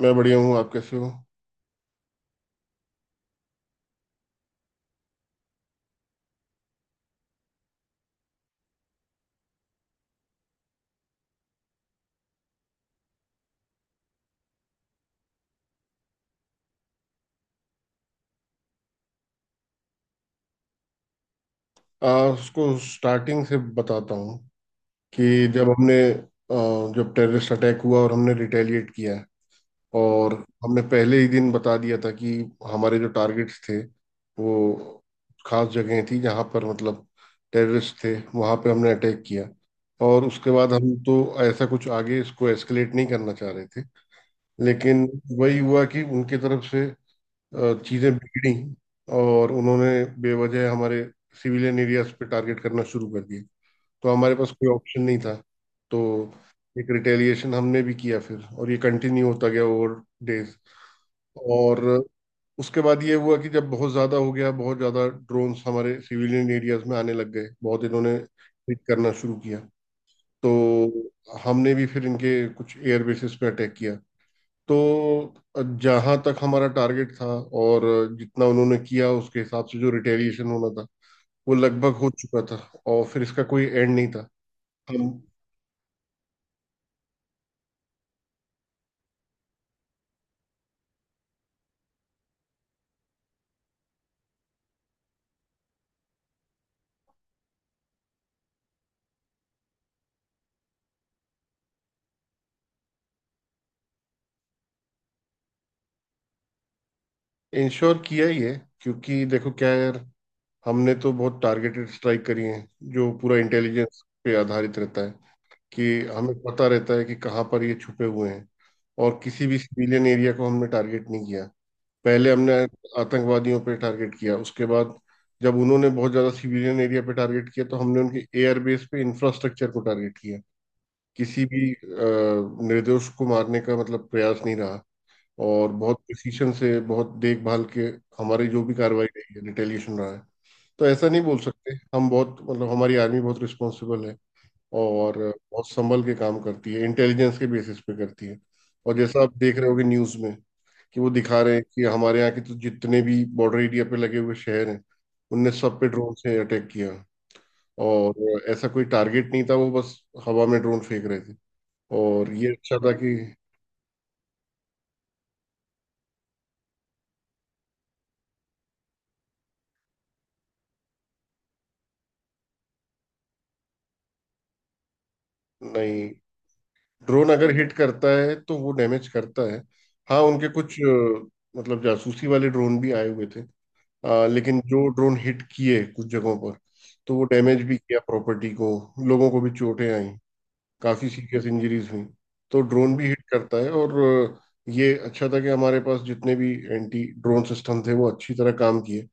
मैं बढ़िया हूँ। आप कैसे हो? उसको स्टार्टिंग से बताता हूँ कि जब हमने जब टेररिस्ट अटैक हुआ और हमने रिटेलिएट किया। और हमने पहले ही दिन बता दिया था कि हमारे जो टारगेट्स थे वो खास जगह थी जहाँ पर मतलब टेररिस्ट थे वहाँ पे हमने अटैक किया। और उसके बाद हम तो ऐसा कुछ आगे इसको एस्केलेट नहीं करना चाह रहे थे। लेकिन वही हुआ कि उनकी तरफ से चीजें बिगड़ी और उन्होंने बेवजह हमारे सिविलियन एरियाज पे टारगेट करना शुरू कर दिए। तो हमारे पास कोई ऑप्शन नहीं था। तो एक रिटेलिएशन हमने भी किया फिर और ये कंटिन्यू होता गया ओवर डेज। और उसके बाद ये हुआ कि जब बहुत ज़्यादा हो गया बहुत ज़्यादा ड्रोन्स हमारे सिविलियन एरियाज में आने लग गए बहुत इन्होंने हिट करना शुरू किया। तो हमने भी फिर इनके कुछ एयर बेसिस पे अटैक किया। तो जहां तक हमारा टारगेट था और जितना उन्होंने किया उसके हिसाब से जो रिटेलिएशन होना था वो लगभग हो चुका था। और फिर इसका कोई एंड नहीं था। हम इंश्योर किया ही है, क्योंकि देखो क्या है यार, हमने तो बहुत टारगेटेड स्ट्राइक करी है जो पूरा इंटेलिजेंस पे आधारित रहता है कि हमें पता रहता है कि कहाँ पर ये छुपे हुए हैं। और किसी भी सिविलियन एरिया को हमने टारगेट नहीं किया। पहले हमने आतंकवादियों पे टारगेट किया, उसके बाद जब उन्होंने बहुत ज्यादा सिविलियन एरिया पे टारगेट किया तो हमने उनके एयर बेस पे इंफ्रास्ट्रक्चर को टारगेट किया। किसी भी निर्दोष को मारने का मतलब प्रयास नहीं रहा। और बहुत प्रिसीशन से, बहुत देखभाल के हमारी जो भी कार्रवाई रही है रिटेलिएशन रहा है। तो ऐसा नहीं बोल सकते हम, बहुत मतलब हमारी आर्मी बहुत रिस्पॉन्सिबल है। और बहुत संभल के काम करती है, इंटेलिजेंस के बेसिस पे करती है। और जैसा आप देख रहे होगे न्यूज़ में कि वो दिखा रहे हैं कि हमारे यहाँ के तो जितने भी बॉर्डर एरिया पे लगे हुए शहर हैं उनने सब पे ड्रोन से अटैक किया। और ऐसा कोई टारगेट नहीं था, वो बस हवा में ड्रोन फेंक रहे थे। और ये अच्छा था कि। नहीं, ड्रोन अगर हिट करता है तो वो डैमेज करता है। हाँ, उनके कुछ मतलब जासूसी वाले ड्रोन भी आए हुए थे। लेकिन जो ड्रोन हिट किए कुछ जगहों पर, तो वो डैमेज भी किया प्रॉपर्टी को, लोगों को भी चोटें आई। काफी सीरियस इंजरीज हुई। तो ड्रोन भी हिट करता है। और ये अच्छा था कि हमारे पास जितने भी एंटी ड्रोन सिस्टम थे वो अच्छी तरह काम किए।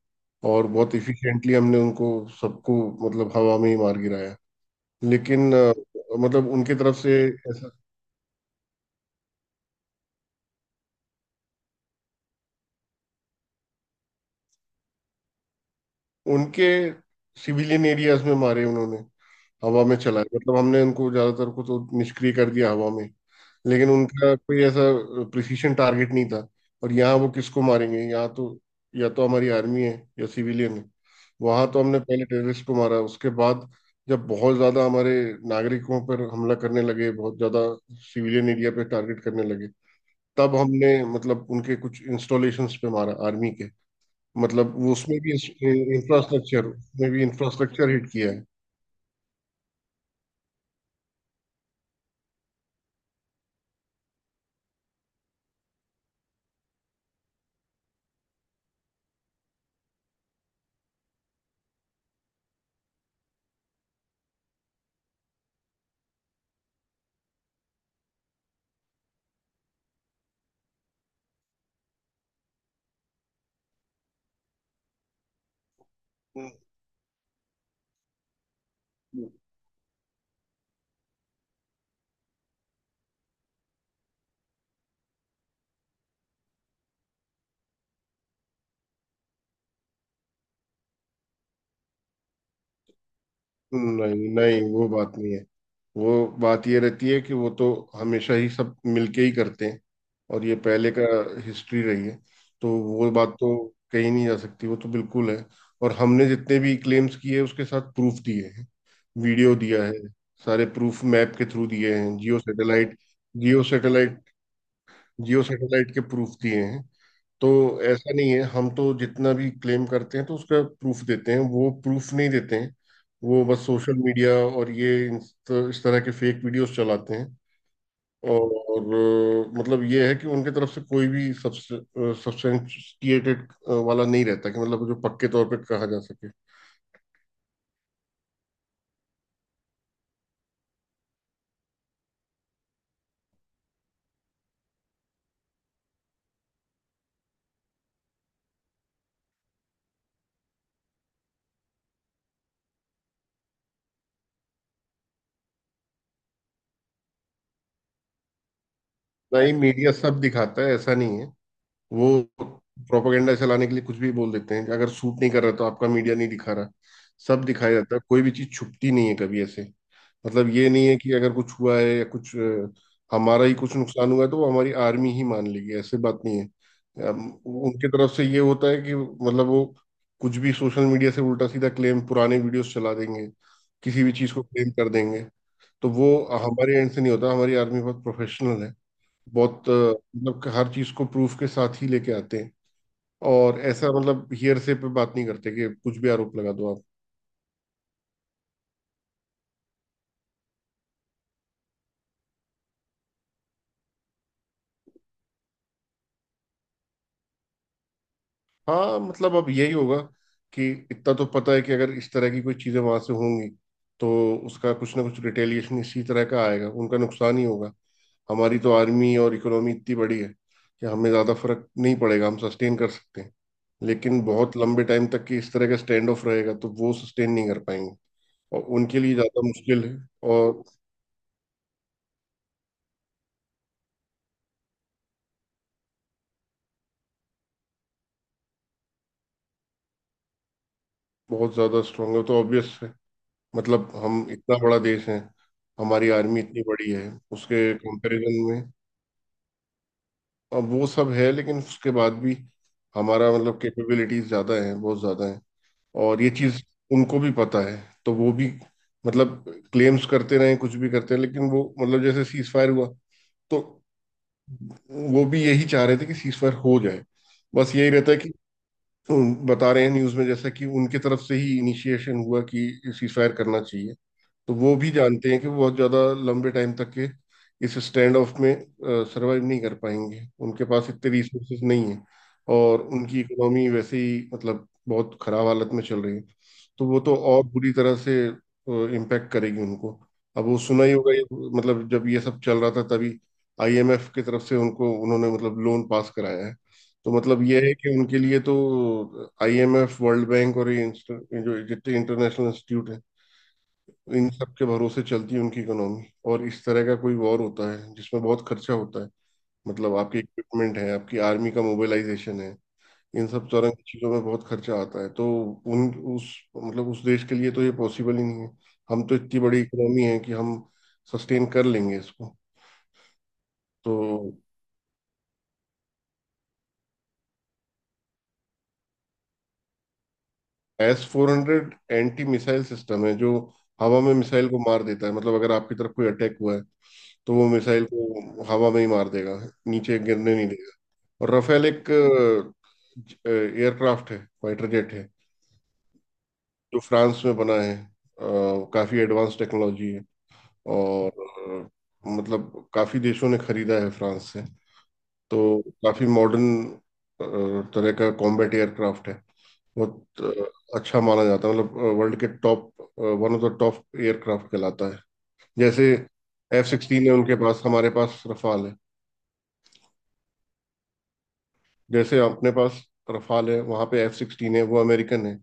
और बहुत इफिशिएंटली हमने उनको सबको मतलब हवा में ही मार गिराया। लेकिन मतलब उनके तरफ से उनके सिविलियन एरियाज में मारे उन्होंने, हवा में चलाए, मतलब हमने उनको ज्यादातर को तो निष्क्रिय कर दिया हवा में। लेकिन उनका कोई ऐसा प्रिसीशन टारगेट नहीं था। और यहाँ वो किसको मारेंगे, यहाँ तो या तो हमारी आर्मी है या सिविलियन है। वहां तो हमने पहले टेररिस्ट को मारा, उसके बाद जब बहुत ज्यादा हमारे नागरिकों पर हमला करने लगे, बहुत ज्यादा सिविलियन एरिया पे टारगेट करने लगे, तब हमने मतलब उनके कुछ इंस्टॉलेशंस पे मारा आर्मी के। मतलब वो उसमें भी इंफ्रास्ट्रक्चर, उसमें भी इंफ्रास्ट्रक्चर हिट किया है। नहीं नहीं, वो बात नहीं है। वो बात ये रहती है कि वो तो हमेशा ही सब मिलके ही करते हैं। और ये पहले का हिस्ट्री रही है। तो वो बात तो कहीं नहीं जा सकती, वो तो बिल्कुल है। और हमने जितने भी क्लेम्स किए उसके साथ प्रूफ दिए हैं। वीडियो दिया है। सारे प्रूफ मैप के थ्रू दिए हैं, geo satellite, geo satellite, geo satellite के प्रूफ दिए हैं। तो ऐसा नहीं है। हम तो जितना भी क्लेम करते हैं तो उसका प्रूफ देते हैं। वो प्रूफ नहीं देते हैं। वो बस सोशल मीडिया और ये इस तरह के फेक वीडियोस चलाते हैं। और मतलब ये है कि उनके तरफ से कोई भी सब्सटेंटिएटेड वाला नहीं रहता कि मतलब जो पक्के तौर पे कहा जा सके। नहीं, मीडिया सब दिखाता है, ऐसा नहीं है। वो प्रोपागेंडा चलाने के लिए कुछ भी बोल देते हैं कि अगर सूट नहीं कर रहा तो आपका मीडिया नहीं दिखा रहा। सब दिखाया जाता है, कोई भी चीज छुपती नहीं है कभी ऐसे। मतलब ये नहीं है कि अगर कुछ हुआ है या कुछ हमारा ही कुछ नुकसान हुआ है तो वो हमारी आर्मी ही मान लेगी, ऐसे बात नहीं है। उनके तरफ से ये होता है कि मतलब वो कुछ भी सोशल मीडिया से उल्टा सीधा क्लेम, पुराने वीडियोस चला देंगे, किसी भी चीज को क्लेम कर देंगे। तो वो हमारे एंड से नहीं होता। हमारी आर्मी बहुत प्रोफेशनल है। बहुत मतलब कि हर चीज को प्रूफ के साथ ही लेके आते हैं। और ऐसा मतलब हियरसे पे बात नहीं करते कि कुछ भी आरोप लगा दो आप। हाँ, मतलब अब यही होगा कि इतना तो पता है कि अगर इस तरह की कोई चीजें वहां से होंगी तो उसका कुछ ना कुछ रिटेलिएशन इसी तरह का आएगा, उनका नुकसान ही होगा। हमारी तो आर्मी और इकोनॉमी इतनी बड़ी है कि हमें ज्यादा फर्क नहीं पड़ेगा, हम सस्टेन कर सकते हैं। लेकिन बहुत लंबे टाइम तक की इस तरह का स्टैंड ऑफ रहेगा तो वो सस्टेन नहीं कर पाएंगे। और उनके लिए ज्यादा मुश्किल है। और बहुत ज्यादा स्ट्रांग है, तो ऑब्वियस है। मतलब हम इतना बड़ा देश है, हमारी आर्मी इतनी बड़ी है उसके कंपैरिजन में। अब वो सब है, लेकिन उसके बाद भी हमारा मतलब कैपेबिलिटीज ज्यादा है, बहुत ज्यादा है। और ये चीज उनको भी पता है। तो वो भी मतलब क्लेम्स करते रहे, कुछ भी करते रहे, लेकिन वो मतलब जैसे सीज फायर हुआ, तो वो भी यही चाह रहे थे कि सीज फायर हो जाए। बस यही रहता है कि बता रहे हैं न्यूज में, जैसा कि उनके तरफ से ही इनिशिएशन हुआ कि सीज फायर करना चाहिए। तो वो भी जानते हैं कि वो बहुत ज़्यादा लंबे टाइम तक के इस स्टैंड ऑफ में सरवाइव नहीं कर पाएंगे। उनके पास इतने रिसोर्सेज नहीं है। और उनकी इकोनॉमी वैसे ही मतलब बहुत खराब हालत में चल रही है। तो वो तो और बुरी तरह से इम्पैक्ट करेगी उनको। अब वो सुना ही होगा ये, मतलब जब ये सब चल रहा था तभी आईएमएफ की तरफ से उनको, उन्होंने मतलब लोन पास कराया है। तो मतलब ये है कि उनके लिए तो आईएमएफ, वर्ल्ड बैंक और ये जो जितने इंटरनेशनल इंस्टीट्यूट, इन सब के भरोसे चलती है उनकी इकोनॉमी। और इस तरह का कोई वॉर होता है जिसमें बहुत खर्चा होता है। मतलब आपके इक्विपमेंट है, आपकी आर्मी का मोबिलाइजेशन है, इन सब तरह की चीज़ों में बहुत खर्चा आता है। तो उन उस मतलब उस देश के लिए तो ये पॉसिबल ही नहीं है। हम तो इतनी बड़ी इकोनॉमी है कि हम सस्टेन कर लेंगे इसको। तो S-400 एंटी मिसाइल सिस्टम है जो हवा में मिसाइल को मार देता है। मतलब अगर आपकी तरफ कोई अटैक हुआ है तो वो मिसाइल को हवा में ही मार देगा, नीचे गिरने नहीं। और राफेल एक एयरक्राफ्ट है, फाइटर जेट है, जो फ्रांस में बना है। काफी एडवांस टेक्नोलॉजी है। और मतलब काफी देशों ने खरीदा है फ्रांस से। तो काफी मॉडर्न तरह का कॉम्बैट एयरक्राफ्ट है। बहुत अच्छा माना जाता है, मतलब वर्ल्ड के top, one of the top aircraft कहलाता है। जैसे F-16 है उनके पास, हमारे पास रफाल है। जैसे अपने पास रफाल है, वहाँ पे F-16 है, वो अमेरिकन है।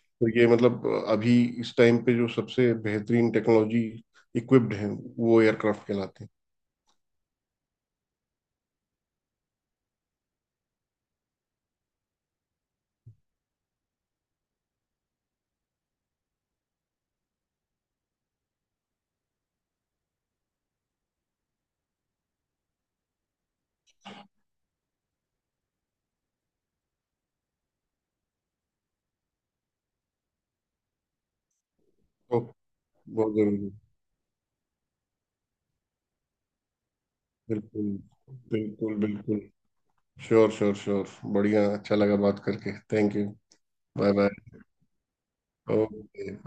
तो ये मतलब अभी इस टाइम पे जो सबसे बेहतरीन टेक्नोलॉजी इक्विप्ड हैं वो एयरक्राफ्ट कहलाते हैं। तो बहुत जरूरी है। बिल्कुल। बिल्कुल बिल्कुल। Sure sure sure. बढ़िया, अच्छा लगा बात करके। Thank you. Bye bye. Okay.